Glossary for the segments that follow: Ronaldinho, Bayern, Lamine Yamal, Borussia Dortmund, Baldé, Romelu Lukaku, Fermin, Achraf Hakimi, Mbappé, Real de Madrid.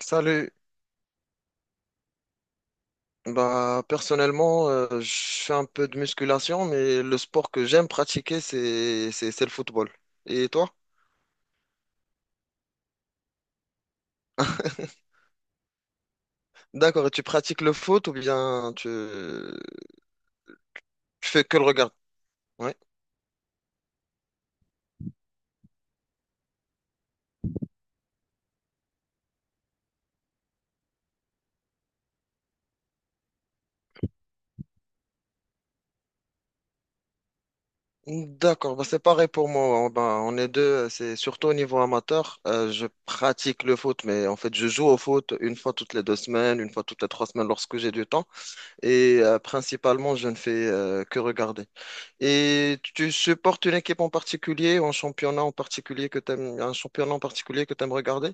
Salut. Bah, personnellement, je fais un peu de musculation, mais le sport que j'aime pratiquer, c'est le football. Et toi? D'accord, et tu pratiques le foot ou bien tu fais que le regard? Oui. D'accord, bah, c'est pareil pour moi. Bah, on est deux, c'est surtout au niveau amateur. Je pratique le foot, mais en fait, je joue au foot une fois toutes les deux semaines, une fois toutes les trois semaines lorsque j'ai du temps. Et principalement, je ne fais que regarder. Et tu supportes une équipe en particulier ou un championnat en particulier que t'aimes, un championnat en particulier que t'aimes regarder?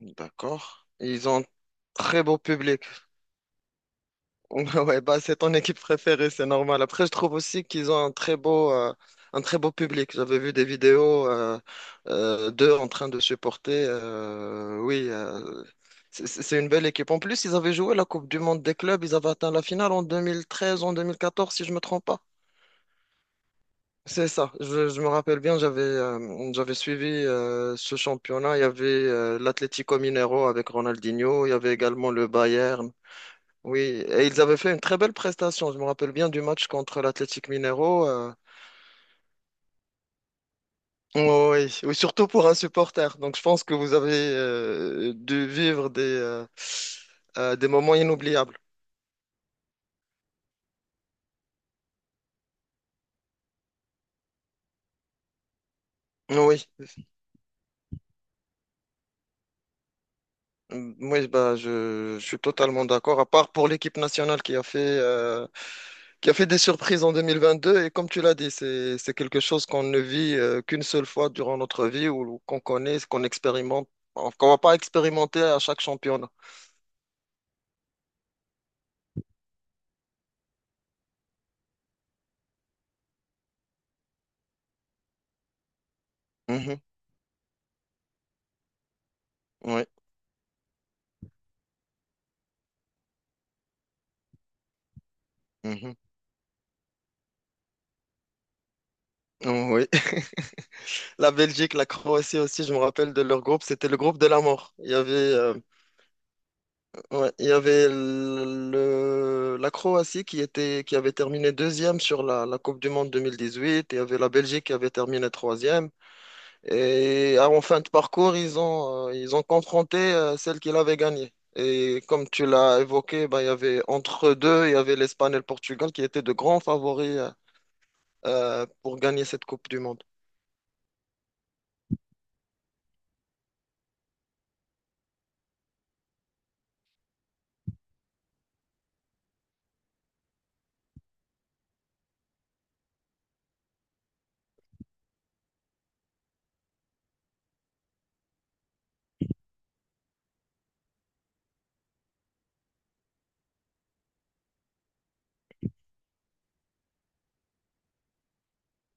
D'accord. Ils ont un très beau public. Ouais, bah c'est ton équipe préférée, c'est normal. Après, je trouve aussi qu'ils ont un très beau public. J'avais vu des vidéos d'eux en train de supporter. Oui, c'est une belle équipe. En plus, ils avaient joué la Coupe du Monde des clubs. Ils avaient atteint la finale en 2013, en 2014, si je me trompe pas. C'est ça, je me rappelle bien, j'avais j'avais suivi ce championnat. Il y avait l'Atlético Mineiro avec Ronaldinho, il y avait également le Bayern. Oui, et ils avaient fait une très belle prestation. Je me rappelle bien du match contre l'Atlético Mineiro. Oui, oui, surtout pour un supporter. Donc je pense que vous avez dû vivre des moments inoubliables. Oui. Mm, oui, bah, je suis totalement d'accord, à part pour l'équipe nationale qui a fait des surprises en 2022. Et comme tu l'as dit, c'est quelque chose qu'on ne vit qu'une seule fois durant notre vie ou qu'on connaît, qu'on expérimente, enfin, qu'on va pas expérimenter à chaque championnat. Mhm, oui, mhm, oui. La Belgique, la Croatie aussi, je me rappelle de leur groupe, c'était le groupe de la mort. Il y avait, ouais, il y avait le, la Croatie qui était, qui avait terminé deuxième sur la, la Coupe du Monde 2018. Il y avait la Belgique qui avait terminé troisième. Et ah, en fin de parcours, ils ont confronté celle qui l'avait gagnée. Et comme tu l'as évoqué, bah, il y avait entre deux, il y avait l'Espagne et le Portugal qui étaient de grands favoris pour gagner cette Coupe du Monde?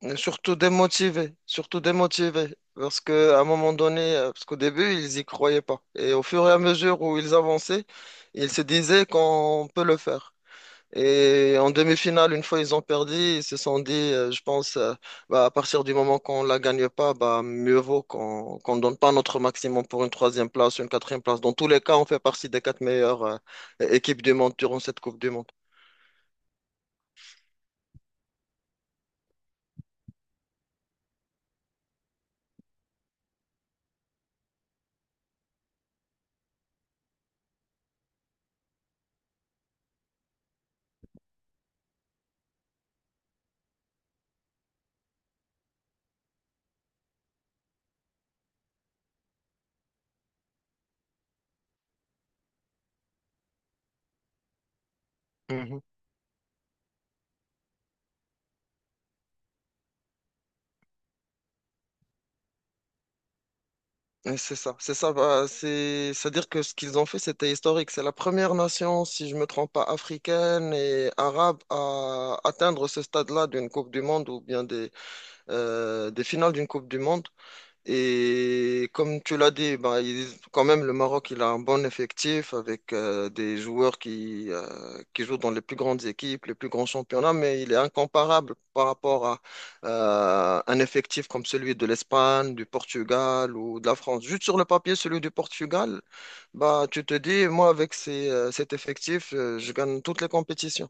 Et surtout démotivés, surtout démotivés, parce que à un moment donné, parce qu'au début, ils y croyaient pas. Et au fur et à mesure où ils avançaient, ils se disaient qu'on peut le faire. Et en demi-finale, une fois ils ont perdu, ils se sont dit, je pense, bah, à partir du moment qu'on la gagne pas, bah, mieux vaut qu'on donne pas notre maximum pour une troisième place, une quatrième place. Dans tous les cas, on fait partie des quatre meilleures équipes du monde durant cette Coupe du Monde. Mhm. Et c'est ça, c'est ça. Bah, c'est, c'est-à-dire que ce qu'ils ont fait, c'était historique. C'est la première nation, si je me trompe pas, africaine et arabe à atteindre ce stade-là d'une Coupe du Monde ou bien des finales d'une Coupe du Monde. Et comme tu l'as dit, bah, quand même, le Maroc, il a un bon effectif avec des joueurs qui jouent dans les plus grandes équipes, les plus grands championnats, mais il est incomparable par rapport à un effectif comme celui de l'Espagne, du Portugal ou de la France. Juste sur le papier, celui du Portugal, bah, tu te dis, moi, avec ces, cet effectif, je gagne toutes les compétitions.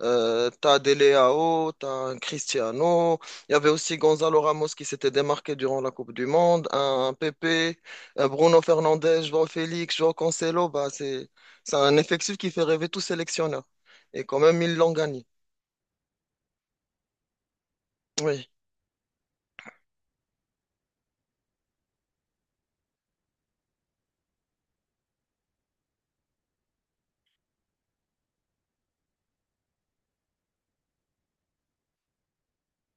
T'as Dele Alli, t'as un Cristiano. Il y avait aussi Gonzalo Ramos qui s'était démarqué durant la Coupe du Monde, un Pepe, un Bruno Fernandes, João Félix, João Cancelo. Bah, c'est un effectif qui fait rêver tout sélectionneur. Et quand même, ils l'ont gagné. Oui.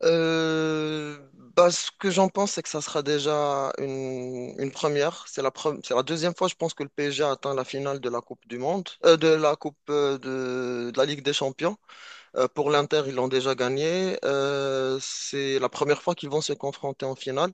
Euh, Bah, ce que j'en pense, c'est que ça sera déjà une première. C'est la deuxième fois, je pense, que le PSG a atteint la finale de la Coupe du Monde, de la Coupe de la Ligue des Champions. Pour l'Inter, ils l'ont déjà gagné. C'est la première fois qu'ils vont se confronter en finale.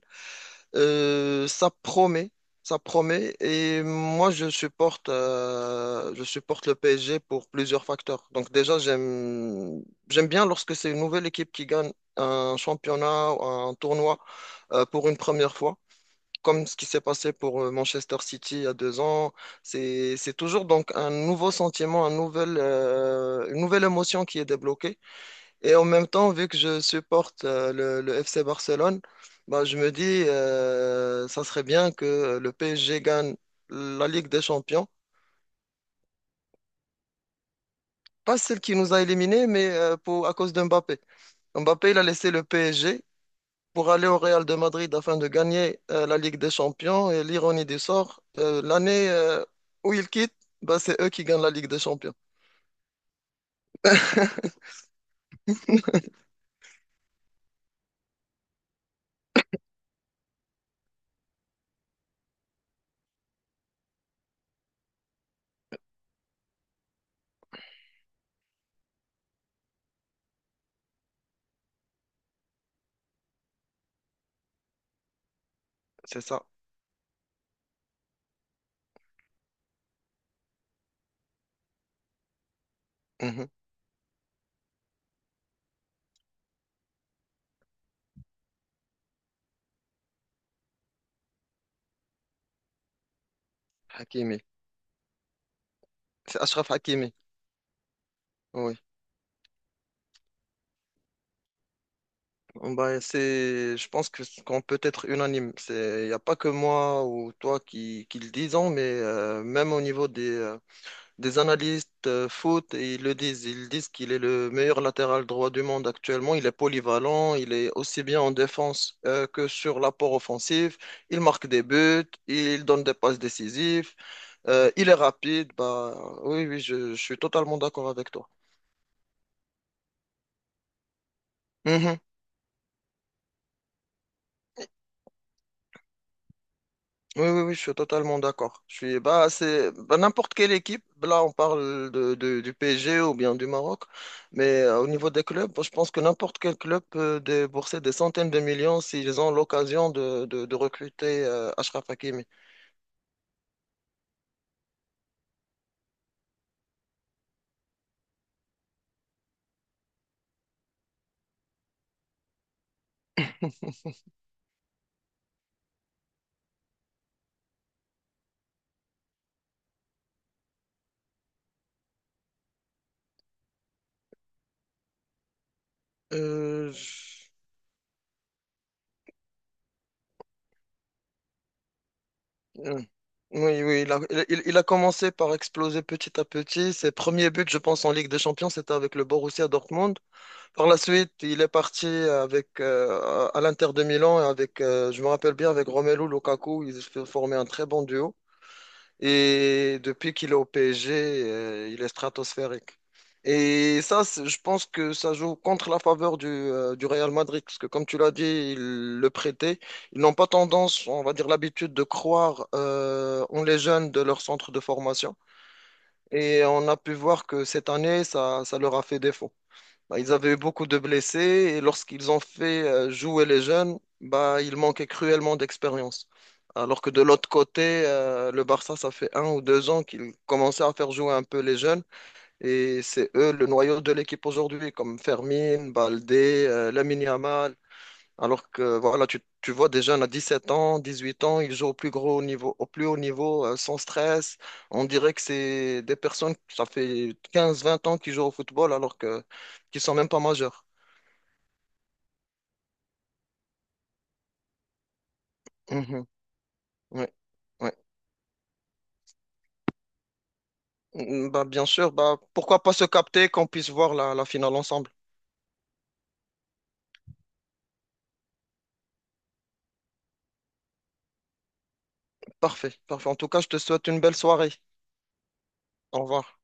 Ça promet, ça promet. Et moi, je supporte le PSG pour plusieurs facteurs. Donc déjà, j'aime, j'aime bien lorsque c'est une nouvelle équipe qui gagne un championnat, ou un tournoi pour une première fois. Comme ce qui s'est passé pour Manchester City il y a deux ans, c'est toujours donc un nouveau sentiment, un nouvel, une nouvelle émotion qui est débloquée. Et en même temps, vu que je supporte le FC Barcelone, bah, je me dis, ça serait bien que le PSG gagne la Ligue des Champions. Pas celle qui nous a éliminés, mais pour, à cause de Mbappé. Mbappé, il a laissé le PSG pour aller au Real de Madrid afin de gagner la Ligue des Champions. Et l'ironie du sort, l'année où il quitte, bah, c'est eux qui gagnent la Ligue des Champions. C'est ça. Mhm. Hakimi. C'est Achraf Hakimi. Oui. Bah, c'est, je pense que ce qu'on peut être unanime. C'est, il n'y a pas que moi ou toi qui le disons, mais même au niveau des analystes foot, et ils le disent. Ils disent qu'il est le meilleur latéral droit du monde actuellement. Il est polyvalent, il est aussi bien en défense que sur l'apport offensif. Il marque des buts, il donne des passes décisives, il est rapide. Bah, oui, oui, je suis totalement d'accord avec toi. Mhm. Oui, oui, oui, je suis totalement d'accord. Je suis, bah, c'est, bah, n'importe quelle équipe. Là, on parle du PSG ou bien du Maroc. Mais au niveau des clubs, je pense que n'importe quel club peut débourser des centaines de millions s'ils ont l'occasion de recruter Achraf Hakimi. Euh, je- euh, Oui, oui, il a, il, il a commencé par exploser petit à petit. Ses premiers buts, je pense, en Ligue des Champions, c'était avec le Borussia Dortmund. Par la suite, il est parti avec à l'Inter de Milan et avec, je me rappelle bien, avec Romelu Lukaku, ils se formaient un très bon duo. Et depuis qu'il est au PSG, il est stratosphérique. Et ça, c'est- je pense que ça joue contre la faveur du Real Madrid, parce que comme tu l'as dit, ils le prêtaient. Ils n'ont pas tendance, on va dire, l'habitude de croire en les jeunes de leur centre de formation. Et on a pu voir que cette année, ça leur a fait défaut. Bah, ils avaient eu beaucoup de blessés et lorsqu'ils ont fait jouer les jeunes, bah, ils manquaient cruellement d'expérience. Alors que de l'autre côté, le Barça, ça fait un ou deux ans qu'ils commençaient à faire jouer un peu les jeunes et c'est eux le noyau de l'équipe aujourd'hui, comme Fermin, Baldé, Lamine Yamal. Alors que voilà, tu vois des jeunes à 17 ans, 18 ans, ils jouent au plus gros niveau, au plus haut niveau, sans stress. On dirait que c'est des personnes, ça fait 15, 20 ans qu'ils jouent au football alors que qu'ils sont même pas majeurs. Mhm. Ouais, ouais. Mm, bah, bien sûr, bah, pourquoi pas se capter, qu'on puisse voir la, la finale ensemble. Parfait, parfait. En tout cas, je te souhaite une belle soirée. Au revoir.